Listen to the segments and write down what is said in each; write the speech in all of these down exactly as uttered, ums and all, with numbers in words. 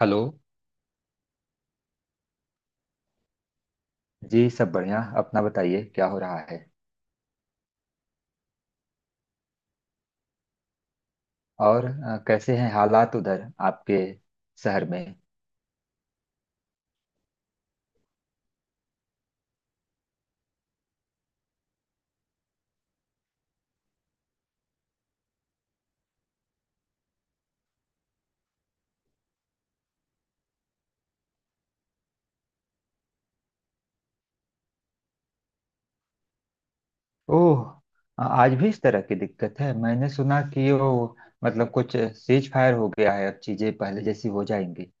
Hello. जी, सब बढ़िया। अपना बताइए क्या हो रहा है? और अ, कैसे हैं हालात उधर आपके शहर में? ओह। अ, आज भी इस तरह की दिक्कत है? मैंने सुना कि वो मतलब कुछ सीज फायर हो गया है, अब चीजें पहले जैसी हो जाएंगी?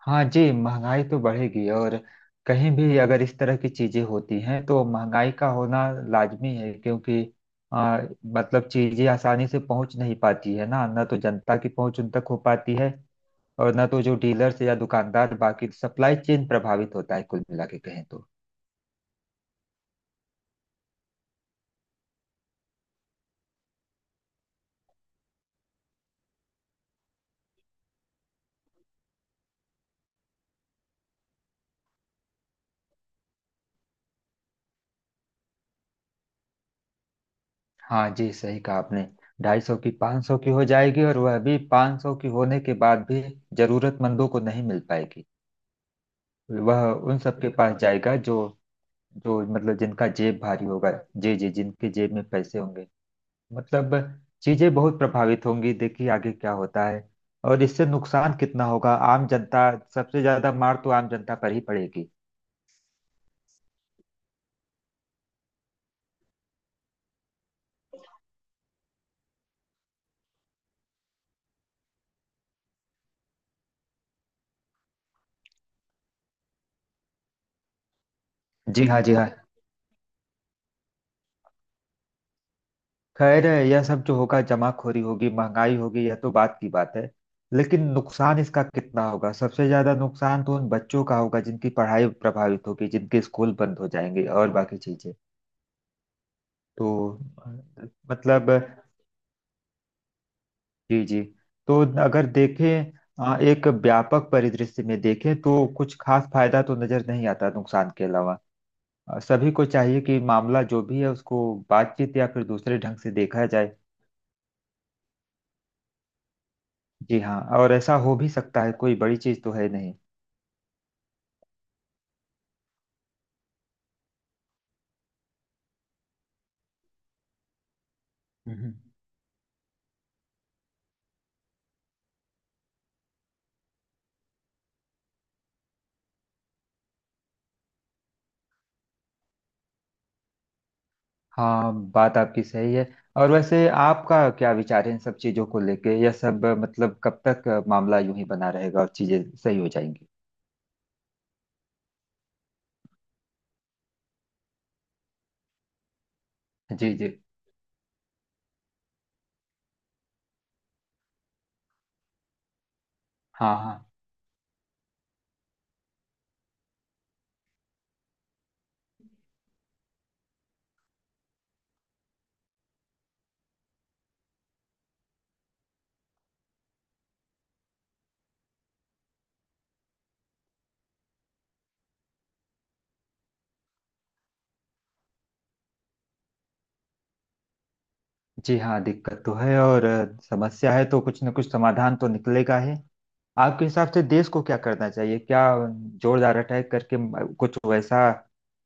हाँ जी, महंगाई तो बढ़ेगी। और कहीं भी अगर इस तरह की चीजें होती हैं तो महंगाई का होना लाजमी है, क्योंकि आ, मतलब चीजें आसानी से पहुंच नहीं पाती है ना, ना तो जनता की पहुंच उन तक हो पाती है, और ना तो जो डीलर्स या दुकानदार, बाकी सप्लाई चेन प्रभावित होता है, कुल मिला के कहें तो। हाँ जी, सही कहा आपने। ढाई सौ की पाँच सौ की हो जाएगी, और वह भी पाँच सौ की होने के बाद भी जरूरतमंदों को नहीं मिल पाएगी। वह उन सबके पास जाएगा जो जो मतलब जिनका जेब भारी होगा। जी जी, जिनके जेब में पैसे होंगे। मतलब चीजें बहुत प्रभावित होंगी, देखिए आगे क्या होता है। और इससे नुकसान कितना होगा आम जनता, सबसे ज्यादा मार तो आम जनता पर ही पड़ेगी। जी हाँ, जी हाँ। खैर, यह सब जो होगा, जमाखोरी होगी, महंगाई होगी, यह तो बात की बात है। लेकिन नुकसान इसका कितना होगा? सबसे ज्यादा नुकसान तो उन बच्चों का होगा जिनकी पढ़ाई प्रभावित होगी, जिनके स्कूल बंद हो जाएंगे, और बाकी चीजें। तो अ, मतलब, जी जी, तो अगर देखें, अ, एक व्यापक परिदृश्य में देखें तो कुछ खास फायदा तो नजर नहीं आता नुकसान के अलावा। अ, सभी को चाहिए कि मामला जो भी है उसको बातचीत या फिर दूसरे ढंग से देखा जाए। जी हाँ, और ऐसा हो भी सकता है, कोई बड़ी चीज तो है नहीं। हम्म। हाँ, बात आपकी सही है। और वैसे आपका क्या विचार है इन सब चीजों को लेके, यह सब अ, मतलब कब तक अ, मामला यूं ही बना रहेगा और चीजें सही हो जाएंगी? जी जी, हाँ हाँ। जी हाँ, दिक्कत तो है, और अ, समस्या है तो कुछ न कुछ समाधान तो निकलेगा ही। आपके हिसाब से देश को क्या करना चाहिए? क्या जोरदार अटैक करके म- कुछ वैसा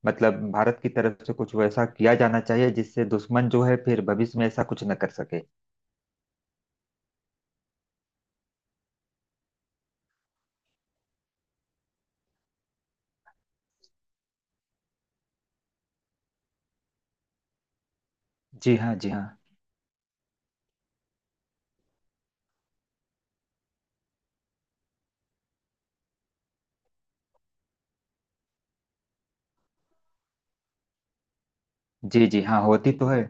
मतलब, भारत की तरफ से कुछ वैसा किया जाना चाहिए जिससे दुश्मन जो है फिर भविष्य में ऐसा कुछ न कर सके? जी हाँ, जी हाँ। जी जी, हाँ, होती तो है।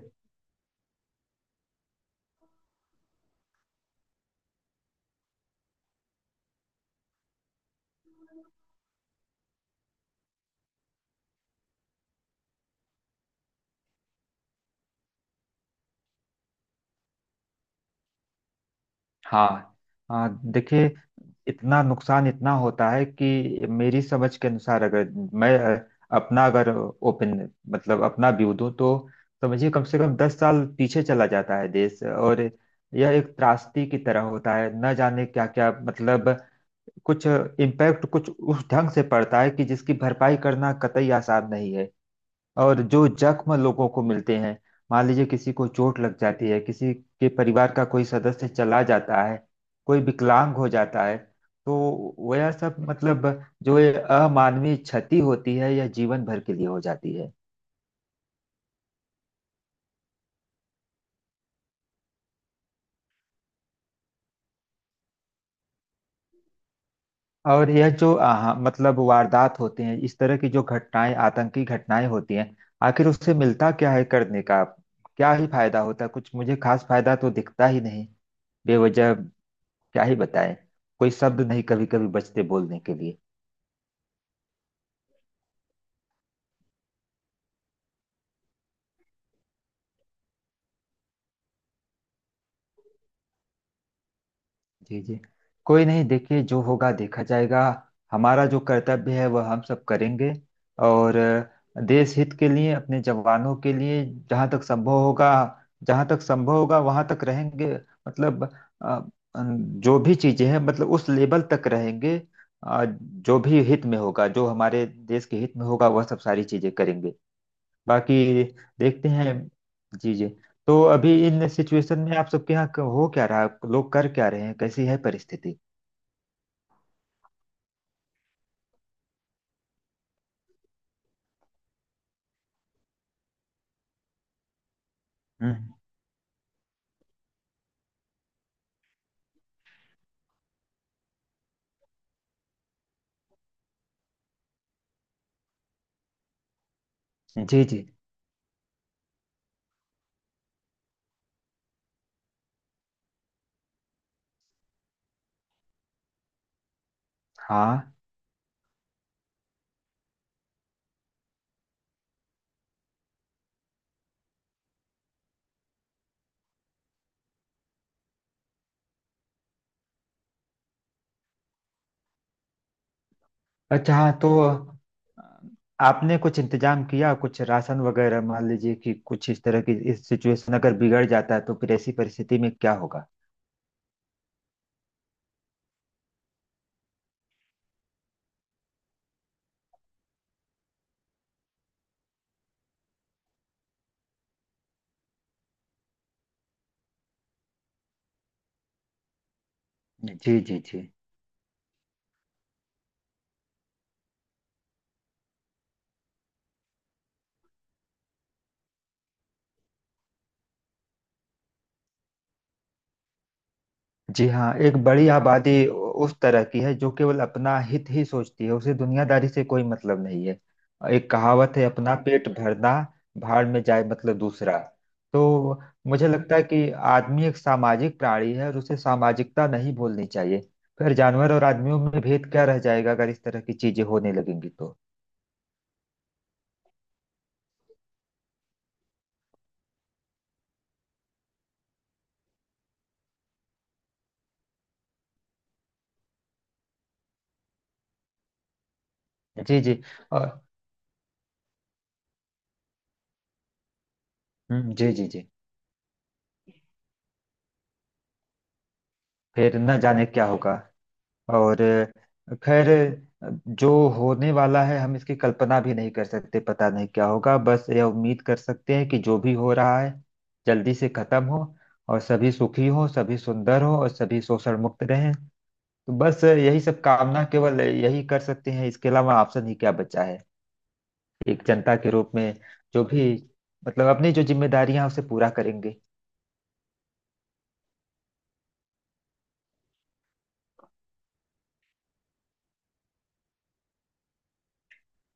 हाँ हाँ, देखिए, इतना नुकसान इतना होता है कि मेरी समझ के अनुसार, अगर मैं अ, अपना अगर ओपन मतलब अपना व्यू दूं तो समझिए कम से कम दस साल पीछे चला जाता है देश। और यह एक त्रासदी की तरह होता है, न जाने क्या क्या मतलब, कुछ इम्पैक्ट कुछ उस ढंग से पड़ता है कि जिसकी भरपाई करना कतई आसान नहीं है। और जो जख्म लोगों को मिलते हैं, मान लीजिए किसी को चोट लग जाती है, किसी के परिवार का कोई सदस्य चला जाता है, कोई विकलांग हो जाता है, तो वह सब मतलब जो ये अमानवीय क्षति होती है, यह जीवन भर के लिए हो जाती है। और यह जो आह, मतलब वारदात होते हैं, इस तरह की जो घटनाएं, आतंकी घटनाएं होती हैं, आखिर उससे मिलता क्या है करने का? क्या ही फायदा होता है? कुछ मुझे खास फायदा तो दिखता ही नहीं। बेवजह क्या ही बताएं, कोई शब्द नहीं कभी कभी बचते बोलने के लिए। जी जी, कोई नहीं। देखिए, जो होगा देखा जाएगा। हमारा जो कर्तव्य है वह हम सब करेंगे। और अ, देश हित के लिए, अपने जवानों के लिए, जहाँ तक संभव होगा, जहाँ तक संभव होगा वहाँ तक रहेंगे। मतलब अ, अन- जो भी चीजें हैं, मतलब उस लेवल तक रहेंगे। अ, जो भी हित में होगा, जो हमारे देश के हित में होगा, वह सब सारी चीजें करेंगे। बाकी देखते हैं। जी जी। तो अभी इन सिचुएशन में आप सबके यहाँ क- हो क्या रहा है? लोग कर क्या रहे हैं? कैसी है परिस्थिति? हम्म। जी जी हाँ। अच्छा, हाँ, तो अ, आपने कुछ इंतजाम किया कुछ राशन वगैरह? मान लीजिए कि कुछ इस तरह की इस सिचुएशन अगर बिगड़ जाता है तो फिर ऐसी परिस्थिति में क्या होगा? जी जी जी। जी हाँ, एक बड़ी आबादी उ- उस तरह की है जो केवल अपना हित ही सोचती है, उसे दुनियादारी से कोई मतलब नहीं है। एक कहावत है, अपना पेट भरना, भाड़ में जाए मतलब दूसरा। तो मुझे लगता है कि आदमी एक सामाजिक प्राणी है और उसे सामाजिकता नहीं भूलनी चाहिए। फिर जानवर और आदमियों में भेद क्या रह जाएगा अगर इस तरह की चीजें होने लगेंगी तो। जी जी। और हम्म, जी जी जी। फिर न जाने क्या होगा। और खैर, जो होने वाला है हम इसकी कल्पना भी नहीं कर सकते, पता नहीं क्या होगा। बस यह उम्मीद कर सकते हैं कि जो भी हो रहा है जल्दी से खत्म हो, और सभी सुखी हो, सभी सुंदर हो, और सभी शोषण मुक्त रहें। तो बस यही सब कामना केवल यही कर सकते हैं, इसके अलावा ऑप्शन ही क्या बचा है? एक जनता के रूप में जो भी मतलब अपनी जो जिम्मेदारियां हैं, उसे पूरा करेंगे।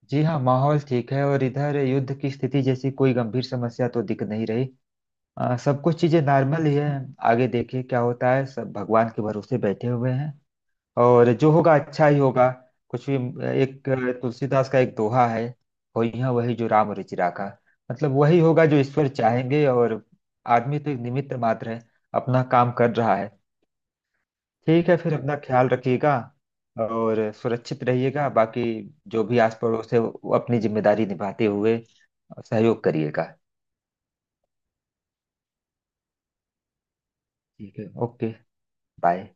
जी हाँ, माहौल ठीक है और इधर युद्ध की स्थिति जैसी कोई गंभीर समस्या तो दिख नहीं रही। आ, सब कुछ चीजें नॉर्मल ही है। आगे देखिए क्या होता है, सब भगवान के भरोसे बैठे हुए हैं। और जो होगा अच्छा ही होगा। कुछ भी। एक अ, तुलसीदास का एक दोहा है, होई है वही जो राम रुचि राखा। मतलब वही होगा जो ईश्वर चाहेंगे, और आदमी तो एक निमित्त मात्र है, अपना काम कर रहा है। ठीक है, फिर अपना ख्याल रखिएगा और सुरक्षित रहिएगा। बाकी जो भी आस पड़ोस है वो अपनी जिम्मेदारी निभाते हुए सहयोग करिएगा। ठीक है, ओके। बाय।